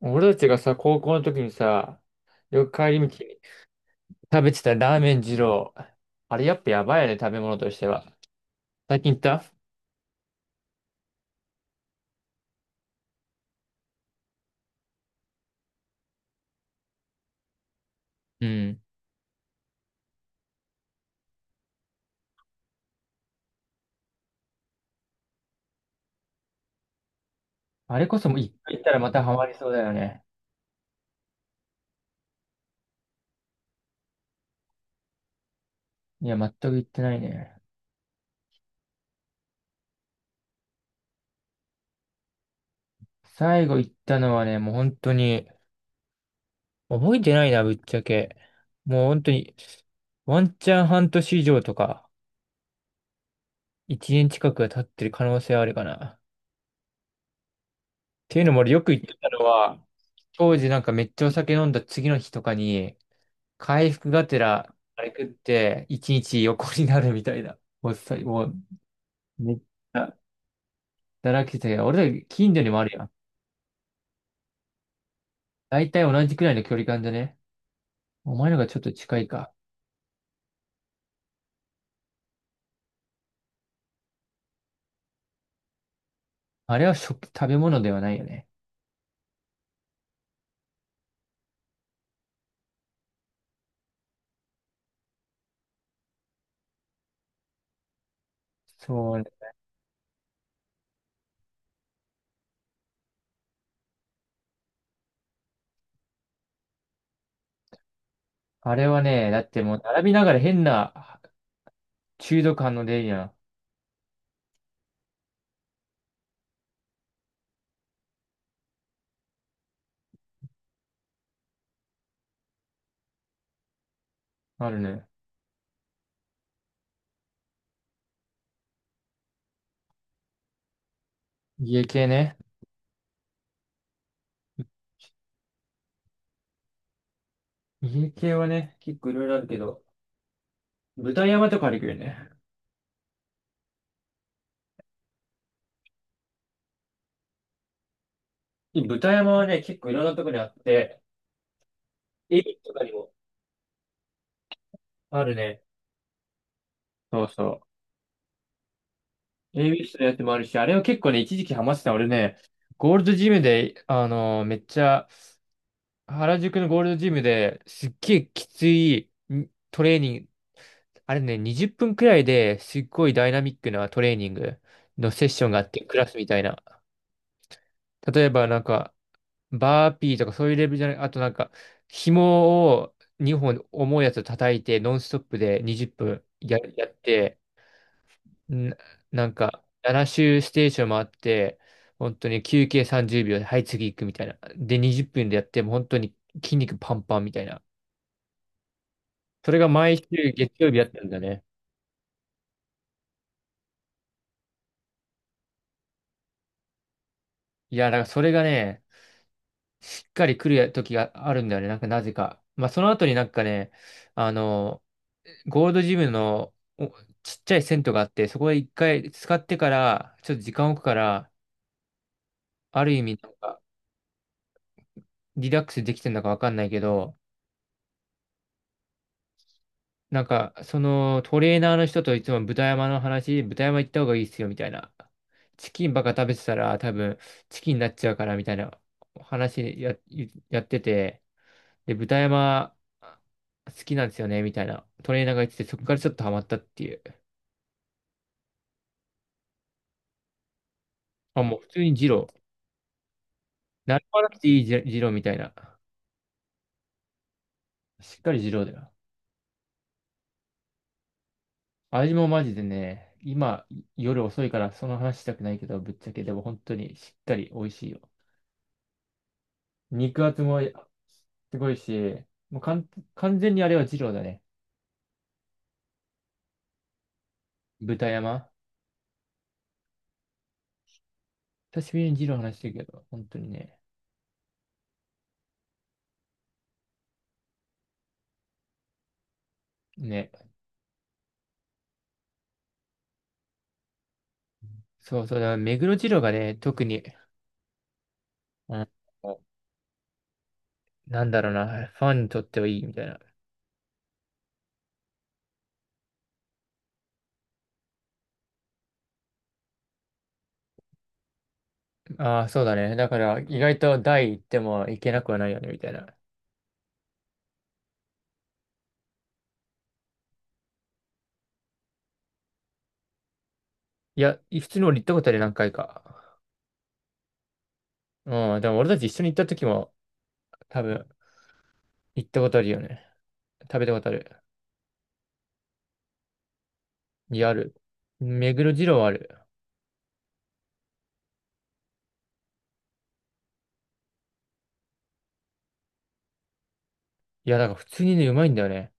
俺たちがさ、高校の時にさ、よく帰り道に食べてたラーメン二郎。あれやっぱやばいよね、食べ物としては。最近行った、うん。あれこそもう一回行ったらまたハマりそうだよね。いや、全く行ってないね。最後行ったのはね、もう本当に、覚えてないな、ぶっちゃけ。もう本当に、ワンチャン半年以上とか、一年近くが経ってる可能性はあるかな。っていうのも俺よく行ってたのは、当時なんかめっちゃお酒飲んだ次の日とかに、回復がてら、あれ食って、一日横になるみたいな。もうさ、もう、めっちゃ、だらけてたけど、俺ら近所にもあるやん。大体同じくらいの距離感じゃね。お前のがちょっと近いか。あれは食べ物ではないよね。そう。あれはね、だってもう並びながら変な中毒反応出るやん。あるね。家系ね。家系はね、結構いろいろあるけど、豚山とかあるけどね。豚山はね、結構いろんなとこにあって、エビとかにもあるね。そうそう。AB 室のやつもあるし、あれは結構ね、一時期ハマってた。俺ね、ゴールドジムで、めっちゃ、原宿のゴールドジムですっげえきついんトレーニング、あれね、20分くらいですっごいダイナミックなトレーニングのセッションがあって、クラスみたいな。例えばなんか、バーピーとかそういうレベルじゃない、あとなんか、紐を2本重いやつを叩いて、ノンストップで20分やって、んなんか、7周ステーションもあって、本当に休憩30秒で、はい、次行くみたいな。で、20分でやって、もう本当に筋肉パンパンみたいな。それが毎週月曜日やってるんだね。いや、だからそれがね、しっかり来る時があるんだよね。なんかなぜか。まあ、その後になんかね、あの、ゴールドジムのちっちゃい銭湯があって、そこで一回使ってから、ちょっと時間置くから、ある意味なんか、リラックスできてるのかわかんないけど、なんか、そのトレーナーの人といつも豚山の話、豚山行った方がいいっすよみたいな。チキンばっか食べてたら多分チキンになっちゃうからみたいな話やってて、で、豚山好きなんですよねみたいなトレーナーが言ってて、そこからちょっとハマったっていう。あ、もう普通に二郎。何ばなくていい二郎みたいな。しっかり二郎だよ。味もマジでね、今夜遅いからその話したくないけど、ぶっちゃけでも本当にしっかり美味しいよ。肉厚もすごいし、もうかん完全にあれは二郎だね。豚山。久しぶりに二郎話してるけど、本当にね。ね。そうそう、だから目黒二郎がね、特に、うん、なんだろうな、ファンにとってはいいみたいな。ああ、そうだね。だから意外と大行っても行けなくはないよね、みたいな。いや、普通に俺行ったことあるよ何回か。うん、でも俺たち一緒に行った時も多分行ったことあるよね。食べたことある。いや、ある。目黒二郎はある。いや、だから普通にね、うまいんだよね。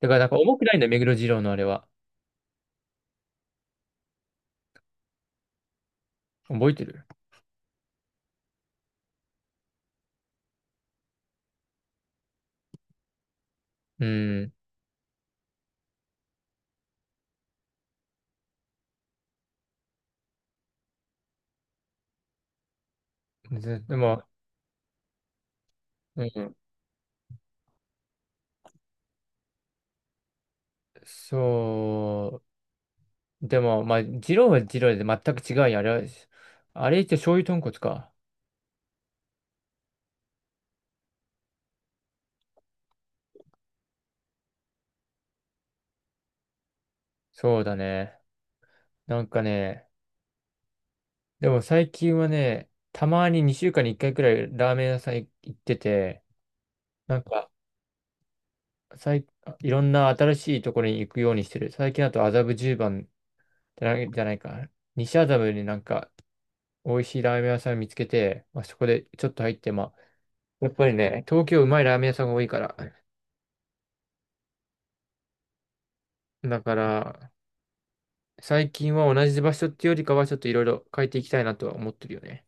だからなんか重くないんだよ、目黒二郎のあれは。覚えてる？うん。ずでも、うん。そう。でも、まあ、二郎は二郎で全く違うよ。あれは、あれって醤油豚骨か。そうだね。なんかね、でも最近はね、たまに2週間に1回くらいラーメン屋さん行ってて、なんか、さいいろんな新しいところに行くようにしてる。最近だと麻布十番じゃない、じゃないか。西麻布になんか、美味しいラーメン屋さん見つけて、まあ、そこでちょっと入って、やっぱりね、東京うまいラーメン屋さんが多いから。だから、最近は同じ場所っていうよりかは、ちょっといろいろ変えていきたいなとは思ってるよね。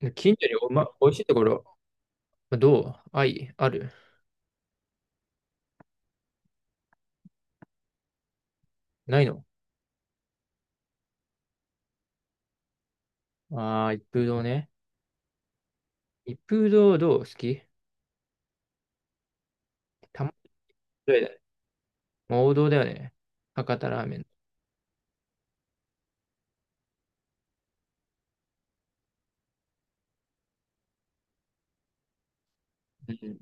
で近所にま、美味しいところ、どうあい、あるないの？ああー、一風堂ね。一風堂どう好き？たまらないだね。王道だよね。博多ラーメン。うん、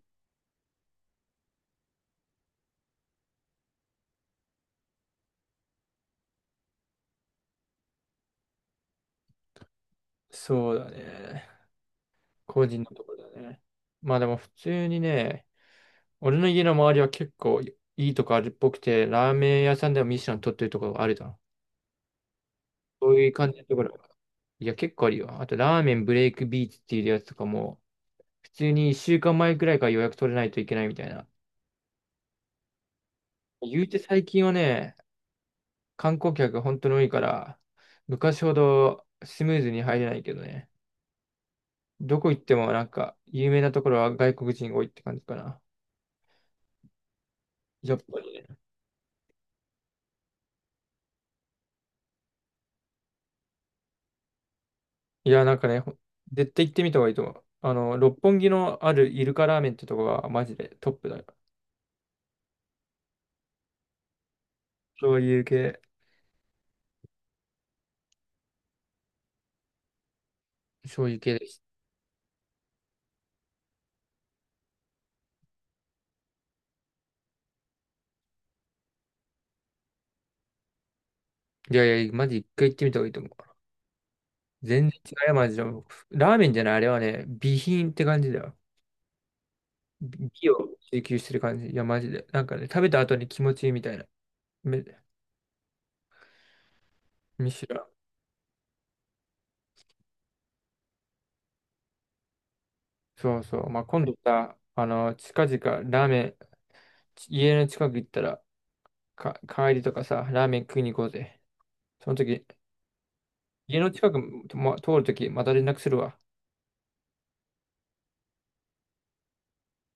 そうだね。個人のところだね。まあでも普通にね、俺の家の周りは結構いいとこあるっぽくて、ラーメン屋さんでもミッシュラン取ってるところがあるだ、そういう感じのところ。いや、結構あるよ。あと、ラーメンブレイクビーチっていうやつとかも、普通に1週間前くらいから予約取れないといけないみたいな。言うて最近はね、観光客が本当に多いから、昔ほどスムーズに入れないけどね。どこ行ってもなんか、有名なところは外国人が多いって感じかな。やっぱりね。いや、なんかね、絶対行ってみた方がいいと思う。あの、六本木のあるイルカラーメンってとこがマジでトップだよ。そういう系、そういう系です。いやいや、マジ一回行ってみた方がいいと思う。全然違うよ、マジで。ラーメンじゃない、あれはね、美品って感じだよ。美美を追求してる感じ。いや、マジで。なんかね、食べた後に気持ちいいみたいな。め、むしろ。そうそう。まあ、今度さ、あの、近々、ラーメン、家の近く行ったら、帰りとかさ、ラーメン食いに行こうぜ。その時、家の近くも通る時また連絡するわ。